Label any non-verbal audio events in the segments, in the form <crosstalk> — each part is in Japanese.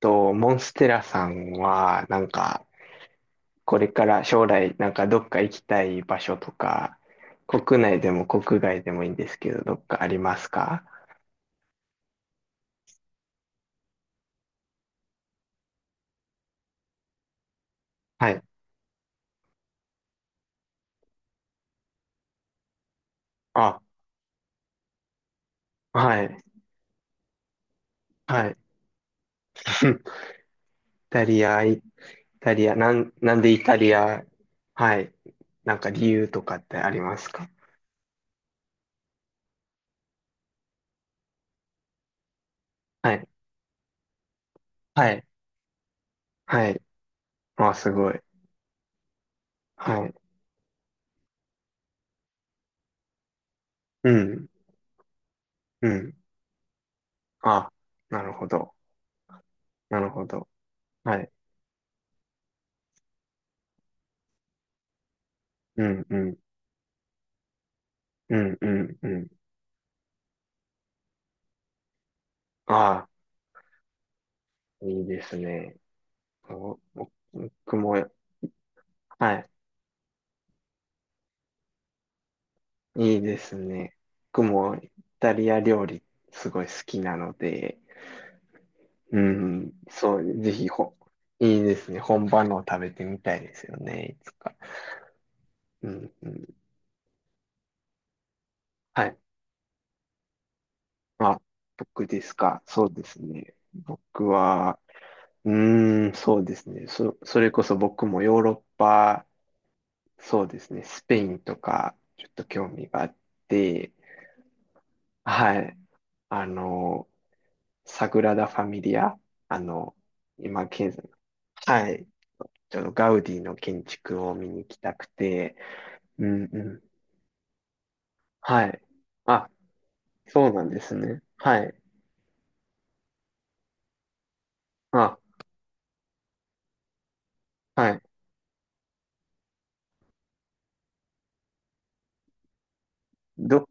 と、モンステラさんは、これから将来、なんかどっか行きたい場所とか、国内でも国外でもいいんですけど、どっかありますか？はい。あ、はい、はい。<laughs> イタリア、イタリア、なんでイタリア、はい。なんか理由とかってありますか？はい、はい、はい。あ、すごい。はい。うん、うん。あ、なるほど。なるほど。はい。うん、うん、うん、うん、うん。あ、いいですね。おお、僕も、はい。いいですね。僕もイタリア料理すごい好きなので、うん、そう、ぜひほ、いいですね。本場のを食べてみたいですよね。いつか。うん、うん。はい。まあ、僕ですか。そうですね。僕は、うそうですね。それこそ僕もヨーロッパ、そうですね。スペインとか、ちょっと興味があって、はい。あの、サグラダ・ファミリア、あの、今、はい、ちょっとガウディの建築を見に行きたくて、うんうん、はい。あ、そうなんですね。はい。あ、はい。ど、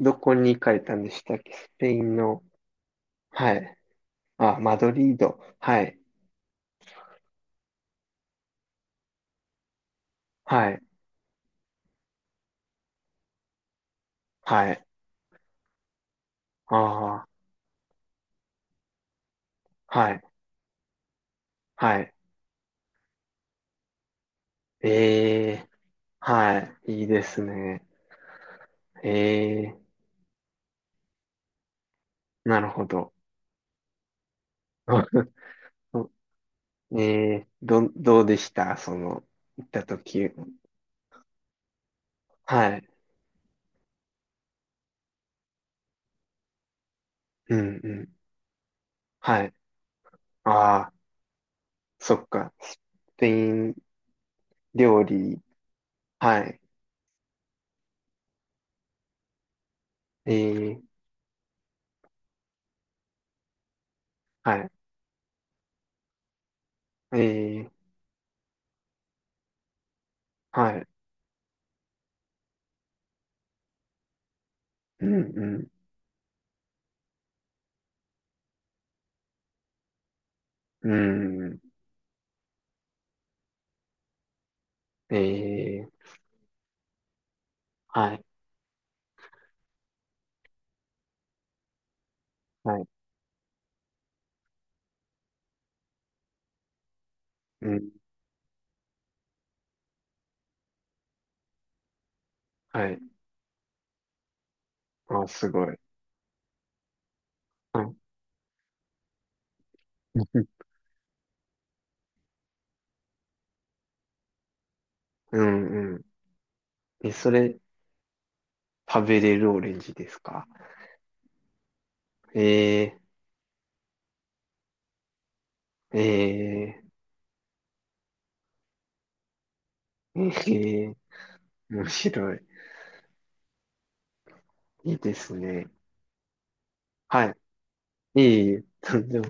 どこに行かれたんでしたっけ、スペインの。はい。あ、マドリード。はい。はい。はい。ああ、はい。はい。ええ、はい。いいですね。ええ、なるほど。<laughs> ねえ、どうでしたその、行った時。はい。うん、うん。はい。ああ、そっか。スペイン料理。はい。ええ、はい。ええ、はい。うん、うん。うん。ええ、はい。はい。うん。はい。ああ、すごい。はい。<laughs> うん、うん。え、それ、食べれるオレンジですか？ええ、ええ、ええ、面白い。いいですね。はい。いえいえ、<laughs> でも、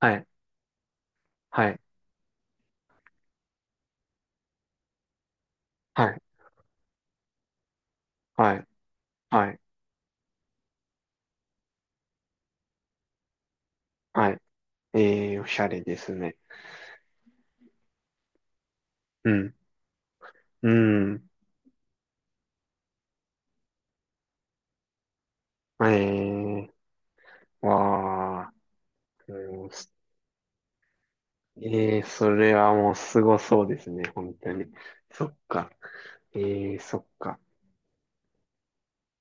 はい、はい、はい、はい、はい、はい。ええ、おしゃれですね。うん、うん、ええ、わあ、うん、ええ、それはもうすごそうですね、本当に。そっか、ええ、そっか。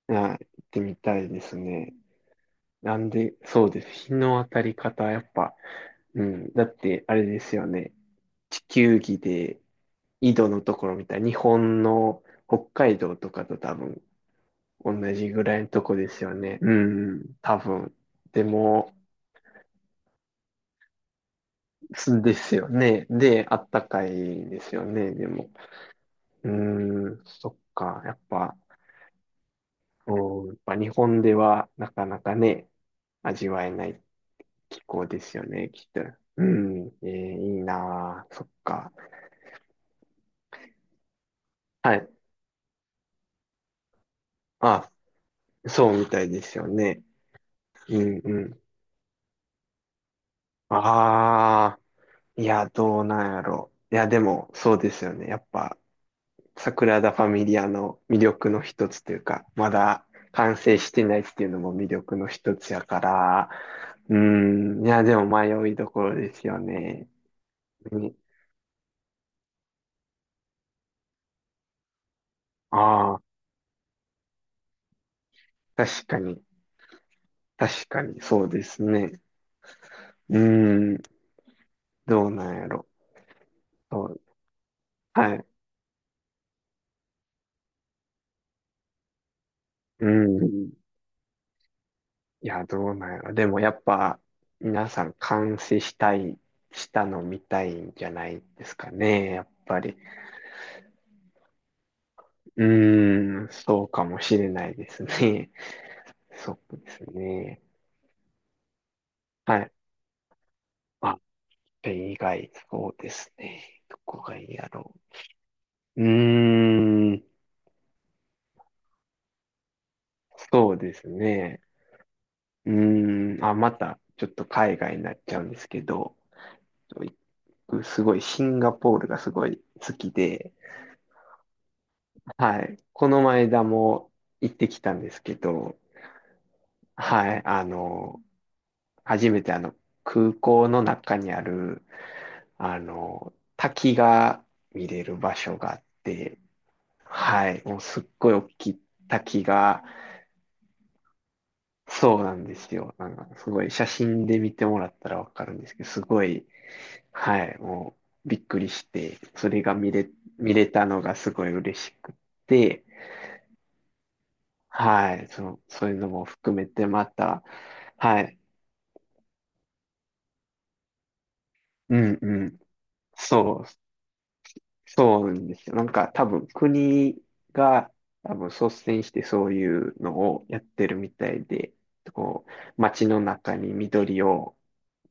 いや、行ってみたいですね。なんで、そうです。日の当たり方、やっぱ、うん。だって、あれですよね。地球儀で、緯度のところ見たら、日本の北海道とかと多分、同じぐらいのとこですよね。うん、多分。でも、すですよね。で、あったかいんですよね。でも。うん、そっか。やっぱ、日本ではなかなかね、味わえない気候ですよね、きっと。うん、えーいいなあ、そっか。はい。あ、そうみたいですよね。うんうん。ああ、いや、どうなんやろ、いや、でも、そうですよね。やっぱ、桜田ファミリアの魅力の一つというか、まだ完成してないっていうのも魅力の一つやから、うん、いや、でも迷いどころですよね。うああ。確かに。確かに、そうですね。うーん、どうなんやろ。そう、はい。うーん。いや、どうなんやろ。でもやっぱ、皆さん監視したい、したの見たいんじゃないですかね。やっぱり。うーん、そうかもしれないですね。<laughs> そうですね。はい。あ、れ以外、そうですね。どこがいいやろう。そうですね。あ、また、ちょっと海外になっちゃうんですけど、僕すごいシンガポールがすごい好きで、はい。この間も行ってきたんですけど、はい。初めて空港の中にある、滝が見れる場所があって、はい。もうすっごい大きい滝が、そうなんですよ。なんかすごい写真で見てもらったらわかるんですけど、すごい、はい、もうびっくりして、それが見れ、見れたのがすごい嬉しくって、はい、そう、そういうのも含めてまた、はい、うんうん、そう、そうなんですよ。なんか多分国が多分率先してそういうのをやってるみたいで、こう、街の中に緑を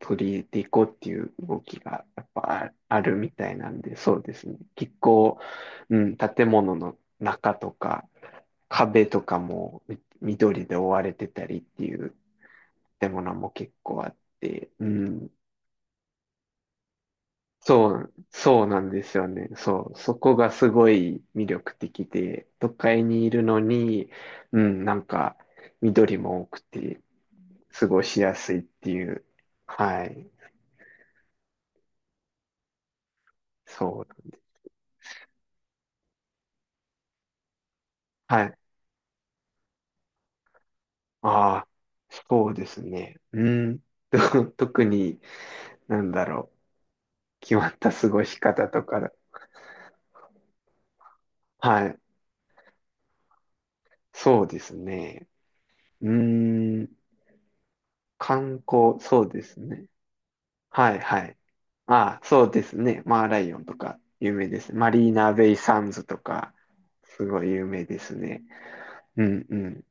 取り入れていこうっていう動きがやっぱああるみたいなんで、そうですね。結構、うん、建物の中とか壁とかもみ緑で覆われてたりっていう建物も結構あって、うん。そう、そうなんですよね。そう、そこがすごい魅力的で、都会にいるのに、うん、緑も多くて、過ごしやすいっていう。はい。そう。はい。ああ、そうですね。うん。と、 <laughs> 特に、なんだろう。決まった過ごし方とか、はい。そうですね。うん。観光、そうですね。はいはい。ああ、そうですね。マーライオンとか有名ですね。マリーナベイサンズとか、すごい有名ですね。うんうん。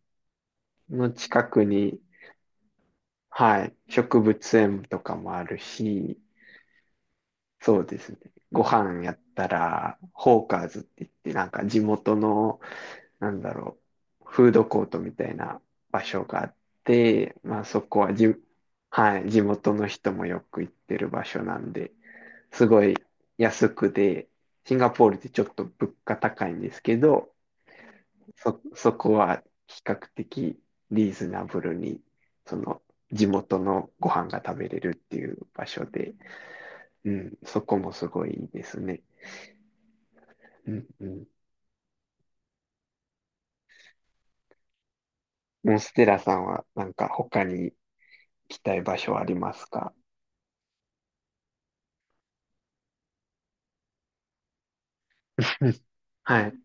の近くに、はい、植物園とかもあるし、そうですね。ご飯やったら、ホーカーズって言って、なんか地元の、なんだろう、フードコートみたいな場所があって、まあそこはじ、はい、地元の人もよく行ってる場所なんで、すごい安くで、シンガポールってちょっと物価高いんですけど、そこは比較的リーズナブルに、その地元のご飯が食べれるっていう場所で、うん、そこもすごいいいですね。うんうん。モンステラさんはなんか他に行きたい場所ありますか？ <laughs> はい、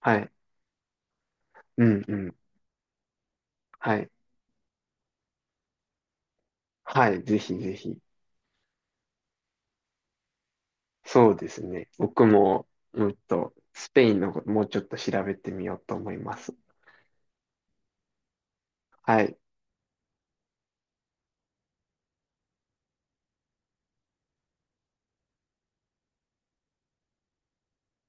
はい、うんうん、はい、はい、ぜひぜひ。そうですね。僕も、うんと、スペインのこともうちょっと調べてみようと思います。はい。